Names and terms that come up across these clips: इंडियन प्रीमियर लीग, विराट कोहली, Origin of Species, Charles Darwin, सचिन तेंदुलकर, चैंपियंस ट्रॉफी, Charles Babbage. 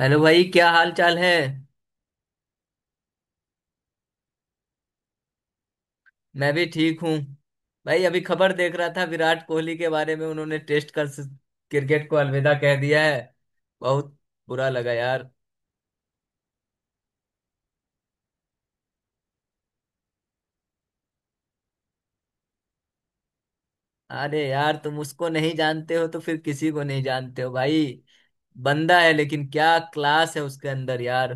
Hello भाई, क्या हाल चाल है। मैं भी ठीक हूँ। भाई अभी खबर देख रहा था विराट कोहली के बारे में। उन्होंने टेस्ट कर क्रिकेट को अलविदा कह दिया है। बहुत बुरा लगा यार। अरे यार, तुम उसको नहीं जानते हो तो फिर किसी को नहीं जानते हो भाई। बंदा है लेकिन क्या क्लास है उसके अंदर यार।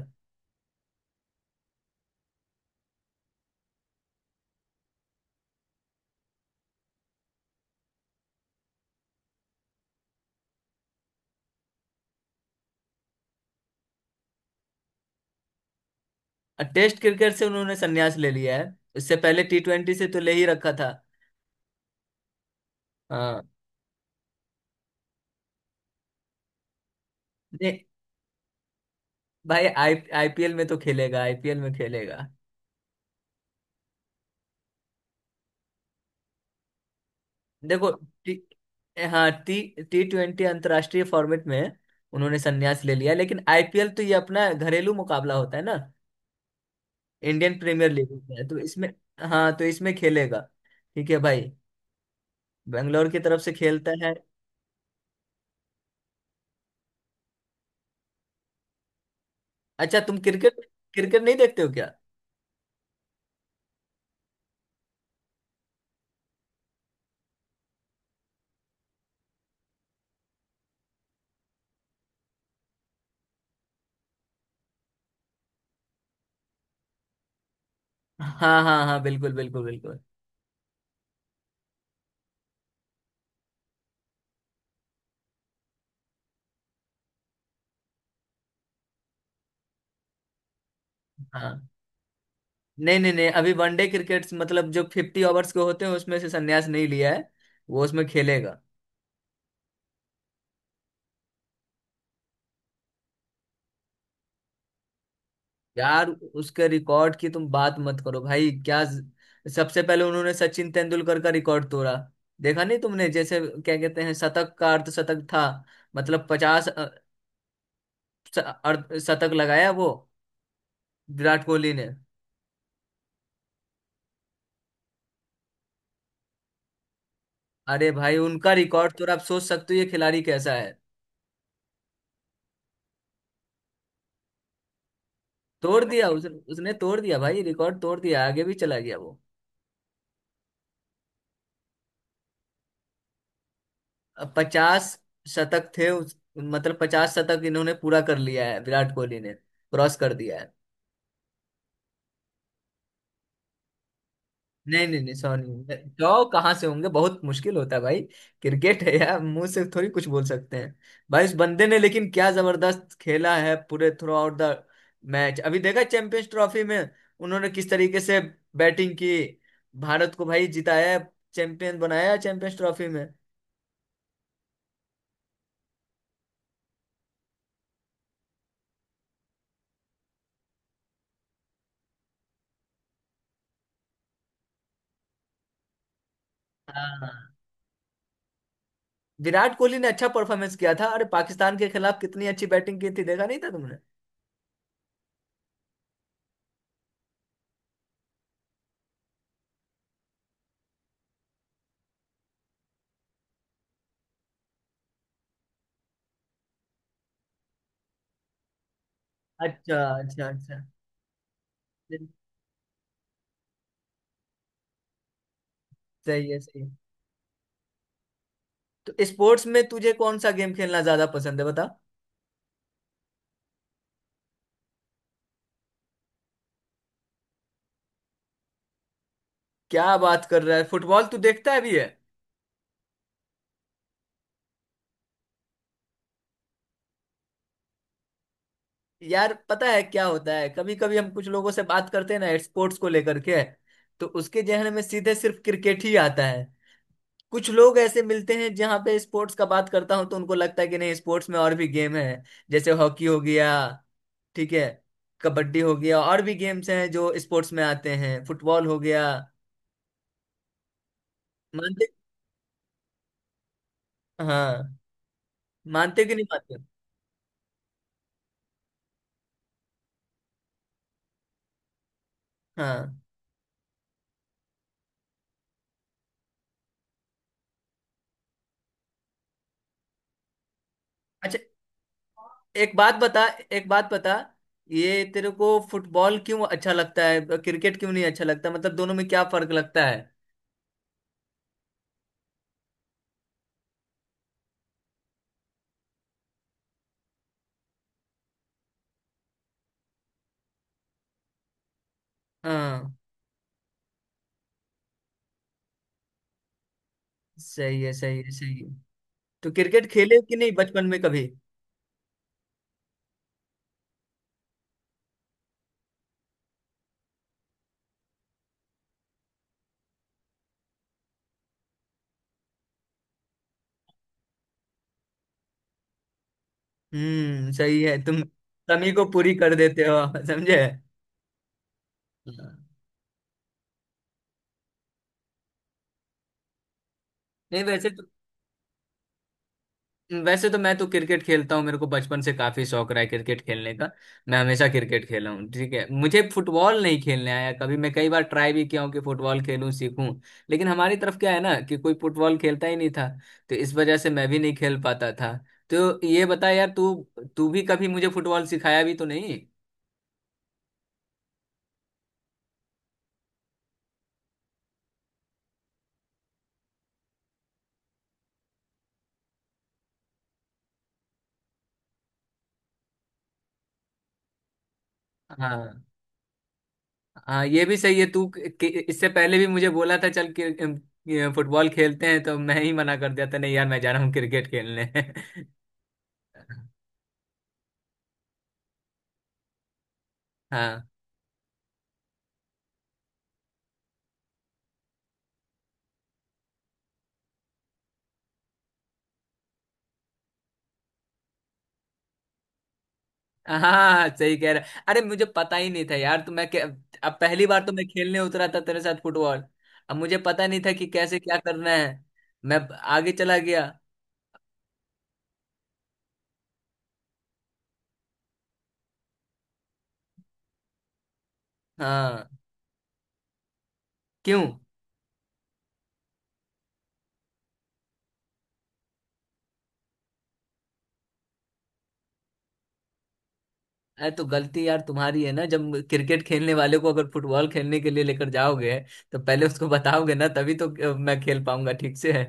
और टेस्ट क्रिकेट से उन्होंने संन्यास ले लिया है, इससे पहले T20 से तो ले ही रखा था। हाँ। नहीं भाई, आई IPL में तो खेलेगा, IPL में खेलेगा। देखो। टी, हाँ, टी T20 अंतर्राष्ट्रीय फॉर्मेट में उन्होंने संन्यास ले लिया, लेकिन IPL तो ये अपना घरेलू मुकाबला होता है ना। इंडियन प्रीमियर लीग होता है तो इसमें। हाँ, तो इसमें खेलेगा। ठीक है भाई, बेंगलोर की तरफ से खेलता है। अच्छा, तुम क्रिकेट क्रिकेट नहीं देखते हो क्या? हाँ हाँ हाँ, बिल्कुल बिल्कुल बिल्कुल। हाँ। नहीं नहीं नहीं, अभी वनडे क्रिकेट मतलब जो 50 ओवर्स के होते हैं उसमें से संन्यास नहीं लिया है। वो उसमें खेलेगा। यार उसके रिकॉर्ड की तुम बात मत करो भाई, क्या सबसे पहले उन्होंने सचिन तेंदुलकर का रिकॉर्ड तोड़ा। देखा नहीं तुमने, जैसे क्या कहते हैं, शतक का अर्ध शतक था। मतलब 50 अर्ध शतक लगाया वो विराट कोहली ने। अरे भाई, उनका रिकॉर्ड तोड़ा, आप सोच सकते हो ये खिलाड़ी कैसा है। तोड़ दिया, उसने तोड़ दिया भाई, रिकॉर्ड तोड़ दिया, आगे भी चला गया वो। अब 50 शतक थे मतलब 50 शतक इन्होंने पूरा कर लिया है, विराट कोहली ने क्रॉस कर दिया है। नहीं नहीं नहीं, सॉरी। तो कहाँ से होंगे, बहुत मुश्किल होता है भाई, क्रिकेट है यार, मुंह से थोड़ी कुछ बोल सकते हैं। भाई उस बंदे ने लेकिन क्या जबरदस्त खेला है, पूरे थ्रू आउट द मैच। अभी देखा चैंपियंस ट्रॉफी में, उन्होंने किस तरीके से बैटिंग की, भारत को भाई जिताया, चैंपियन बनाया चैंपियंस ट्रॉफी में। हाँ, विराट कोहली ने अच्छा परफॉर्मेंस किया था। अरे पाकिस्तान के खिलाफ कितनी अच्छी बैटिंग की थी, देखा नहीं था तुमने? अच्छा अच्छा अच्छा, सही है सही है। तो स्पोर्ट्स में तुझे कौन सा गेम खेलना ज्यादा पसंद है, बता। क्या बात कर रहा है, फुटबॉल तू देखता है भी है? यार पता है क्या होता है, कभी कभी हम कुछ लोगों से बात करते हैं ना स्पोर्ट्स को लेकर के, तो उसके जहन में सीधे सिर्फ क्रिकेट ही आता है। कुछ लोग ऐसे मिलते हैं जहाँ पे स्पोर्ट्स का बात करता हूँ, तो उनको लगता है कि नहीं, स्पोर्ट्स में और भी गेम है। जैसे हॉकी हो गया, ठीक है, कबड्डी हो गया, और भी गेम्स हैं जो स्पोर्ट्स में आते हैं, फुटबॉल हो गया। मानते हाँ, मानते कि नहीं मानते? हाँ। अच्छा, एक बात बता, एक बात बता। ये तेरे को फुटबॉल क्यों अच्छा लगता है, क्रिकेट क्यों नहीं अच्छा लगता, मतलब दोनों में क्या फर्क लगता है? हाँ, सही है सही है सही है। तो क्रिकेट खेले कि नहीं बचपन में कभी? हम्म, सही है। तुम कमी को पूरी कर देते हो। समझे? हाँ। नहीं, वैसे वैसे तो मैं तो क्रिकेट खेलता हूँ, मेरे को बचपन से काफी शौक रहा है क्रिकेट खेलने का। मैं हमेशा क्रिकेट खेला हूँ, ठीक है, मुझे फुटबॉल नहीं खेलने आया कभी। मैं कई बार ट्राई भी किया हूँ कि फुटबॉल खेलूं, सीखूं। लेकिन हमारी तरफ क्या है ना, कि कोई फुटबॉल खेलता ही नहीं था, तो इस वजह से मैं भी नहीं खेल पाता था। तो ये बता यार, तू तू भी कभी मुझे फुटबॉल सिखाया भी तो नहीं। हाँ हाँ, ये भी सही है। इससे पहले भी मुझे बोला था, चल कि फुटबॉल खेलते हैं, तो मैं ही मना कर दिया था, नहीं यार मैं जा रहा हूँ क्रिकेट खेलने। हाँ हाँ, सही कह रहा। अरे मुझे पता ही नहीं था यार, अब पहली बार तो मैं खेलने उतरा था तेरे साथ फुटबॉल। अब मुझे पता नहीं था कि कैसे क्या करना है, मैं आगे चला गया। हाँ। क्यों? अरे तो गलती यार तुम्हारी है ना, जब क्रिकेट खेलने वाले को अगर फुटबॉल खेलने के लिए लेकर जाओगे, तो पहले उसको बताओगे ना, तभी तो मैं खेल पाऊंगा ठीक से, नहीं?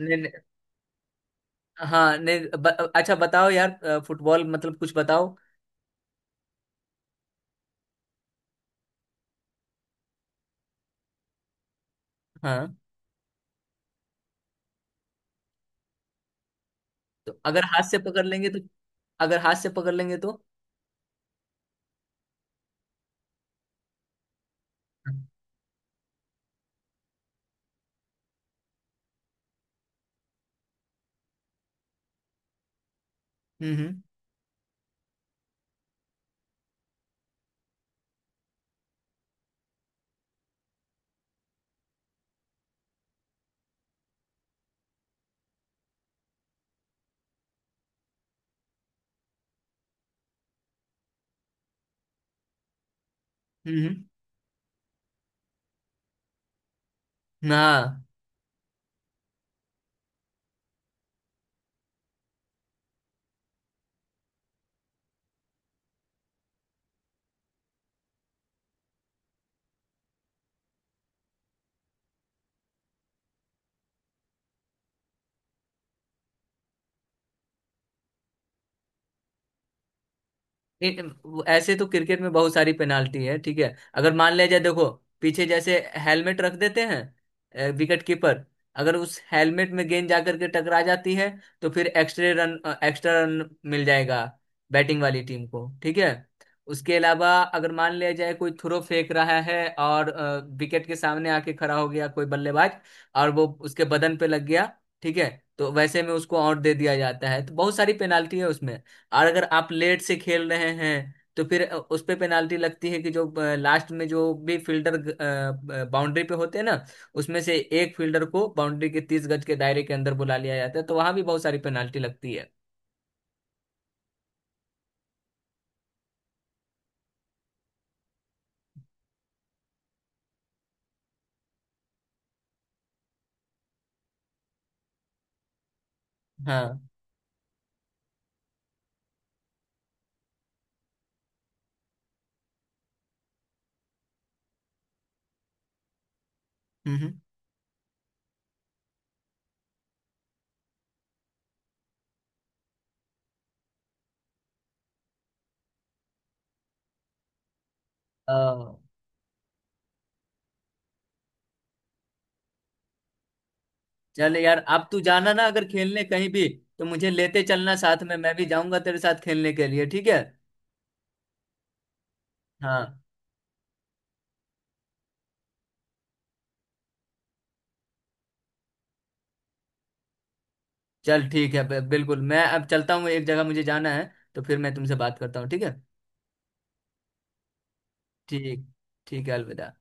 नहीं, हाँ नहीं अच्छा बताओ यार, फुटबॉल मतलब कुछ बताओ। हाँ। तो अगर हाथ से पकड़ लेंगे तो अगर हाथ से पकड़ लेंगे तो? हम्म हम्म। हम्म हम्म। हाँ। ऐसे तो क्रिकेट में बहुत सारी पेनाल्टी है, ठीक है अगर मान लिया जाए, देखो। पीछे जैसे हेलमेट रख देते हैं विकेट कीपर, अगर उस हेलमेट में गेंद जाकर के टकरा जाती है, तो फिर एक्स्ट्रा रन मिल जाएगा बैटिंग वाली टीम को, ठीक है। उसके अलावा अगर मान लिया जाए कोई थ्रो फेंक रहा है, और विकेट के सामने आके खड़ा हो गया कोई बल्लेबाज, और वो उसके बदन पे लग गया, ठीक है, तो वैसे में उसको आउट दे दिया जाता है, तो बहुत सारी पेनाल्टी है उसमें। और अगर आप लेट से खेल रहे हैं तो फिर उस पे पेनाल्टी लगती है कि जो लास्ट में जो भी फील्डर बाउंड्री पे होते हैं ना, उसमें से एक फील्डर को बाउंड्री के 30 गज के दायरे के अंदर बुला लिया जाता है, तो वहां भी बहुत सारी पेनाल्टी लगती है। हाँ। हम्म अ, चल यार अब तू जाना ना अगर खेलने कहीं भी, तो मुझे लेते चलना साथ में, मैं भी जाऊंगा तेरे साथ खेलने के लिए, ठीक है? हाँ, चल ठीक है, बिल्कुल। मैं अब चलता हूँ, एक जगह मुझे जाना है, तो फिर मैं तुमसे बात करता हूँ, ठीक है? ठीक ठीक है, अलविदा।